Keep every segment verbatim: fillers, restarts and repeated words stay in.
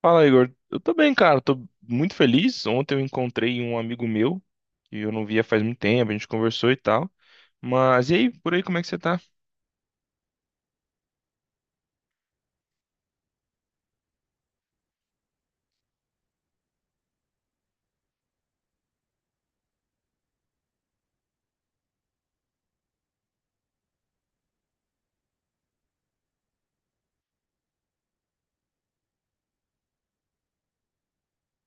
Fala, Igor. Eu tô bem, cara. Tô muito feliz. Ontem eu encontrei um amigo meu que eu não via faz muito tempo. A gente conversou e tal. Mas e aí, por aí, como é que você tá?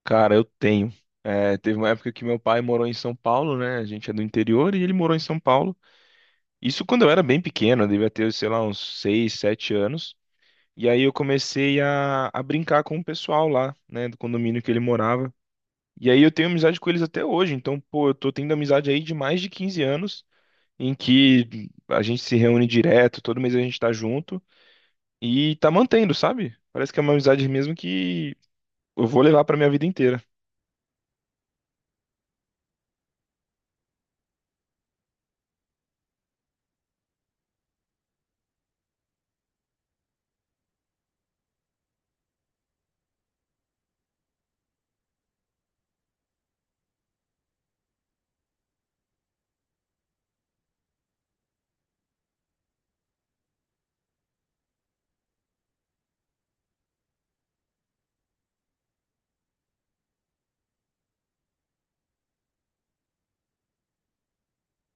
Cara, eu tenho. É, teve uma época que meu pai morou em São Paulo, né? A gente é do interior e ele morou em São Paulo. Isso quando eu era bem pequeno, eu devia ter, sei lá, uns seis, sete anos. E aí eu comecei a, a brincar com o pessoal lá, né, do condomínio que ele morava. E aí eu tenho amizade com eles até hoje. Então, pô, eu tô tendo amizade aí de mais de quinze anos, em que a gente se reúne direto, todo mês a gente tá junto e tá mantendo, sabe? Parece que é uma amizade mesmo que eu vou levar pra minha vida inteira.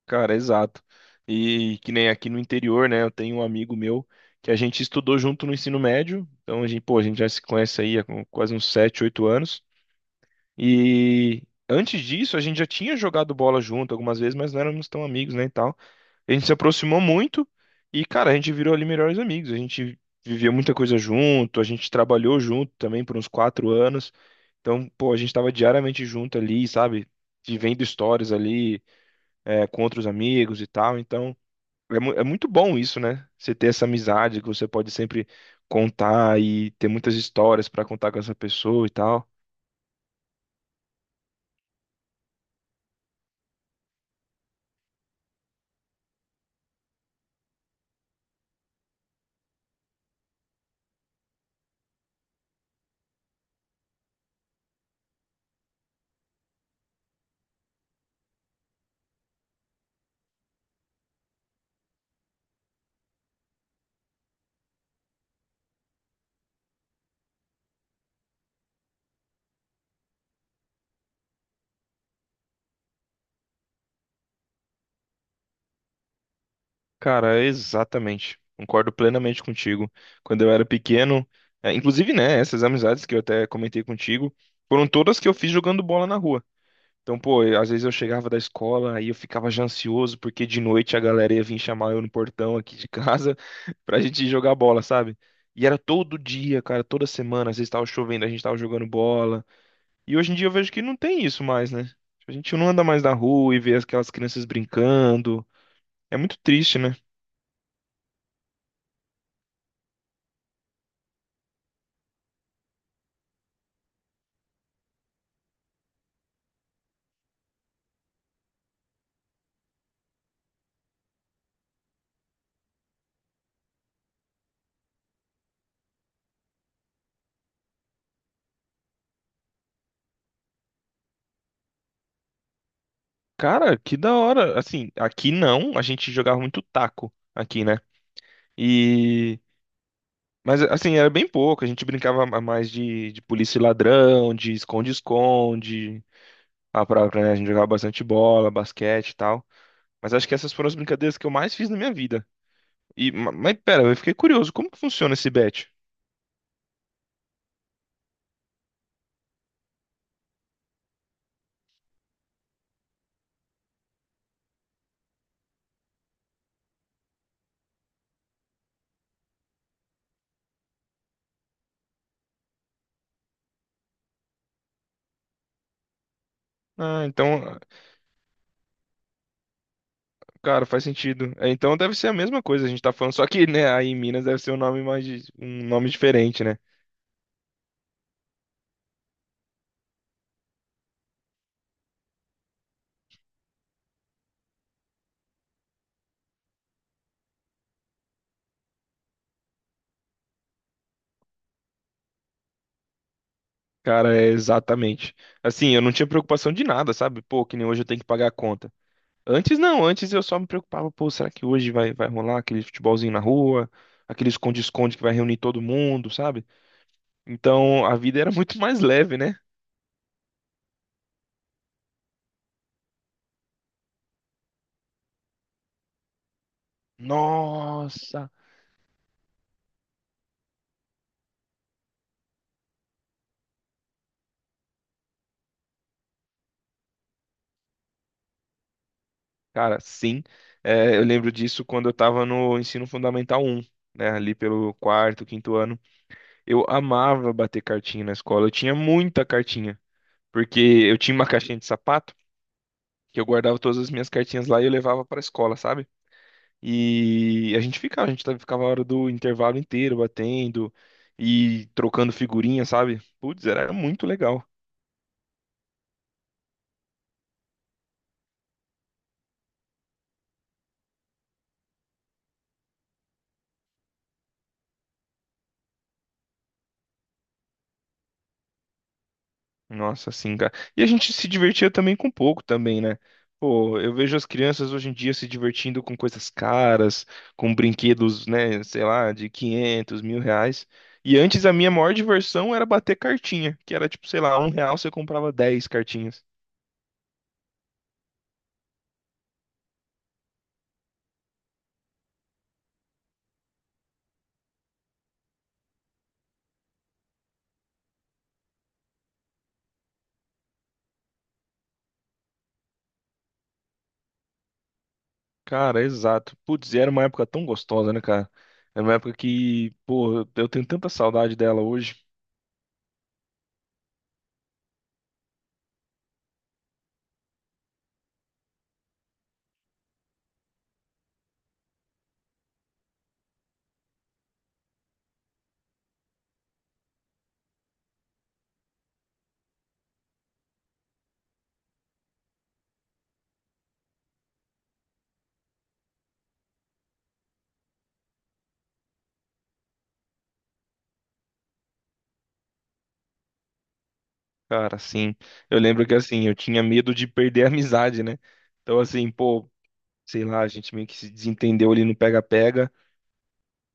Cara, exato. E que nem aqui no interior, né? Eu tenho um amigo meu que a gente estudou junto no ensino médio. Então a gente, pô, a gente já se conhece aí há quase uns sete oito anos. E antes disso, a gente já tinha jogado bola junto algumas vezes, mas não éramos tão amigos, né, e tal. A gente se aproximou muito e, cara, a gente virou ali melhores amigos. A gente vivia muita coisa junto, a gente trabalhou junto também por uns quatro anos. Então, pô, a gente tava diariamente junto ali, sabe? Vivendo histórias ali, é, com outros amigos e tal. Então, é, mu- é muito bom isso, né? Você ter essa amizade que você pode sempre contar e ter muitas histórias pra contar com essa pessoa e tal. Cara, é exatamente. Concordo plenamente contigo. Quando eu era pequeno, é, inclusive, né, essas amizades que eu até comentei contigo, foram todas que eu fiz jogando bola na rua. Então, pô, eu- às vezes eu chegava da escola aí eu ficava já ansioso porque de noite a galera ia vir chamar eu no portão aqui de casa pra gente ir jogar bola, sabe? E era todo dia, cara, toda semana, às vezes tava chovendo, a gente tava jogando bola. E hoje em dia eu vejo que não tem isso mais, né? A gente não anda mais na rua e vê aquelas crianças brincando. É muito triste, né? Cara, que da hora. Assim, aqui não, a gente jogava muito taco aqui, né? E. Mas assim, era bem pouco. A gente brincava ma- mais de, de polícia e ladrão, de esconde-esconde, a própria, né? A gente jogava bastante bola, basquete e tal. Mas acho que essas foram as brincadeiras que eu mais fiz na minha vida. E, ma- mas pera, eu fiquei curioso, como que funciona esse bet? Ah, então, cara, faz sentido. É, então deve ser a mesma coisa, a gente tá falando, só que, né, aí em Minas deve ser um nome mais, di- um nome diferente, né? Cara, é exatamente. Assim, eu não tinha preocupação de nada, sabe? Pô, que nem hoje eu tenho que pagar a conta. Antes não, antes eu só me preocupava, pô, será que hoje vai, vai rolar aquele futebolzinho na rua, aquele esconde-esconde que vai reunir todo mundo, sabe? Então a vida era muito mais leve, né? Nossa! Cara, sim. É, eu lembro disso quando eu tava no ensino fundamental um, né? Ali pelo quarto, quinto ano. Eu amava bater cartinha na escola, eu tinha muita cartinha. Porque eu tinha uma caixinha de sapato que eu guardava todas as minhas cartinhas lá e eu levava pra escola, sabe? E a gente ficava, a gente tava- ficava a hora do intervalo inteiro batendo e trocando figurinha, sabe? Putz, era muito legal. Nossa, assim, cara. E a gente se divertia também com pouco também, né? Pô, eu vejo as crianças hoje em dia se divertindo com coisas caras, com brinquedos, né, sei lá, de quinhentos, mil reais. E antes a minha maior diversão era bater cartinha, que era tipo, sei lá, um real você comprava dez cartinhas. Cara, exato. Putz, e era uma época tão gostosa, né, cara? Era uma época que, pô, eu tenho tanta saudade dela hoje. Cara, assim, eu lembro que, assim, eu tinha medo de perder a amizade, né? Então, assim, pô, sei lá, a gente meio que se desentendeu ali no pega-pega.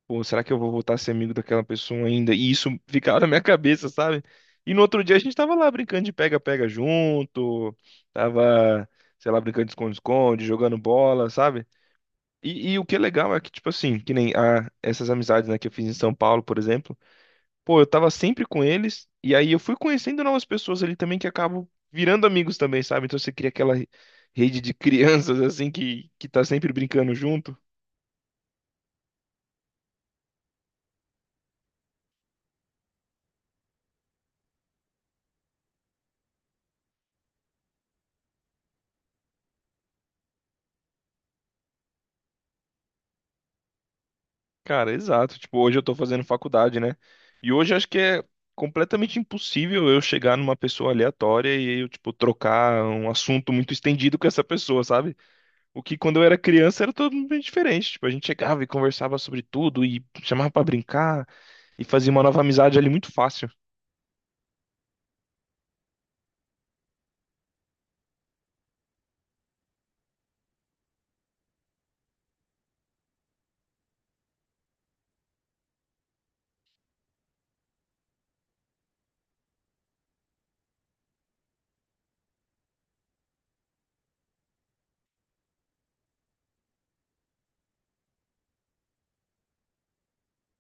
Pô, será que eu vou voltar a ser amigo daquela pessoa ainda? E isso ficava na minha cabeça, sabe? E no outro dia a gente tava lá brincando de pega-pega junto, tava, sei lá, brincando de esconde-esconde, jogando bola, sabe? E, e o que é legal é que, tipo assim, que nem a, essas amizades, né, que eu fiz em São Paulo, por exemplo, pô, eu tava sempre com eles, e aí eu fui conhecendo novas pessoas ali também que acabam virando amigos também, sabe? Então você cria aquela re- rede de crianças, assim, que, que tá sempre brincando junto. Cara, exato. Tipo, hoje eu tô fazendo faculdade, né? E hoje eu acho que é completamente impossível eu chegar numa pessoa aleatória e eu, tipo, trocar um assunto muito estendido com essa pessoa, sabe? O que quando eu era criança era todo mundo bem diferente. Tipo, a gente chegava e conversava sobre tudo e chamava pra brincar e fazia uma nova amizade ali muito fácil.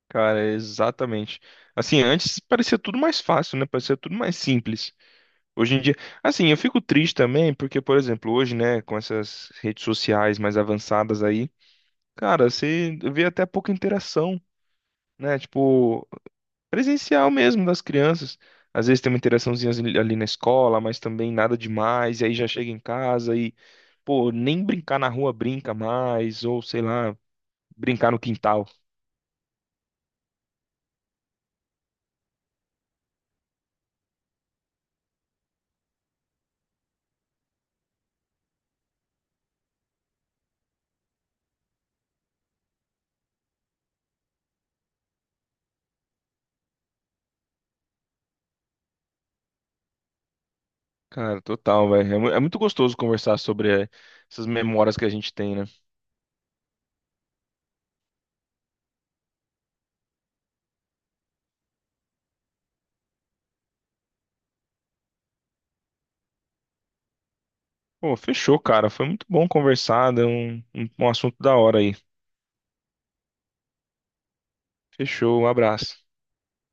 Cara, exatamente. Assim, antes parecia tudo mais fácil, né? Parecia tudo mais simples. Hoje em dia, assim, eu fico triste também porque, por exemplo, hoje, né, com essas redes sociais mais avançadas aí, cara, você vê até pouca interação, né? Tipo, presencial mesmo das crianças. Às vezes tem uma interaçãozinha ali ali na escola, mas também nada demais, e aí já chega em casa e, pô, nem brincar na rua brinca mais, ou sei lá, brincar no quintal. Cara, total, velho. É mu- é muito gostoso conversar sobre eh, essas memórias que a gente tem, né? Pô, fechou, cara. Foi muito bom conversar, deu um, um um assunto da hora aí. Fechou, um abraço.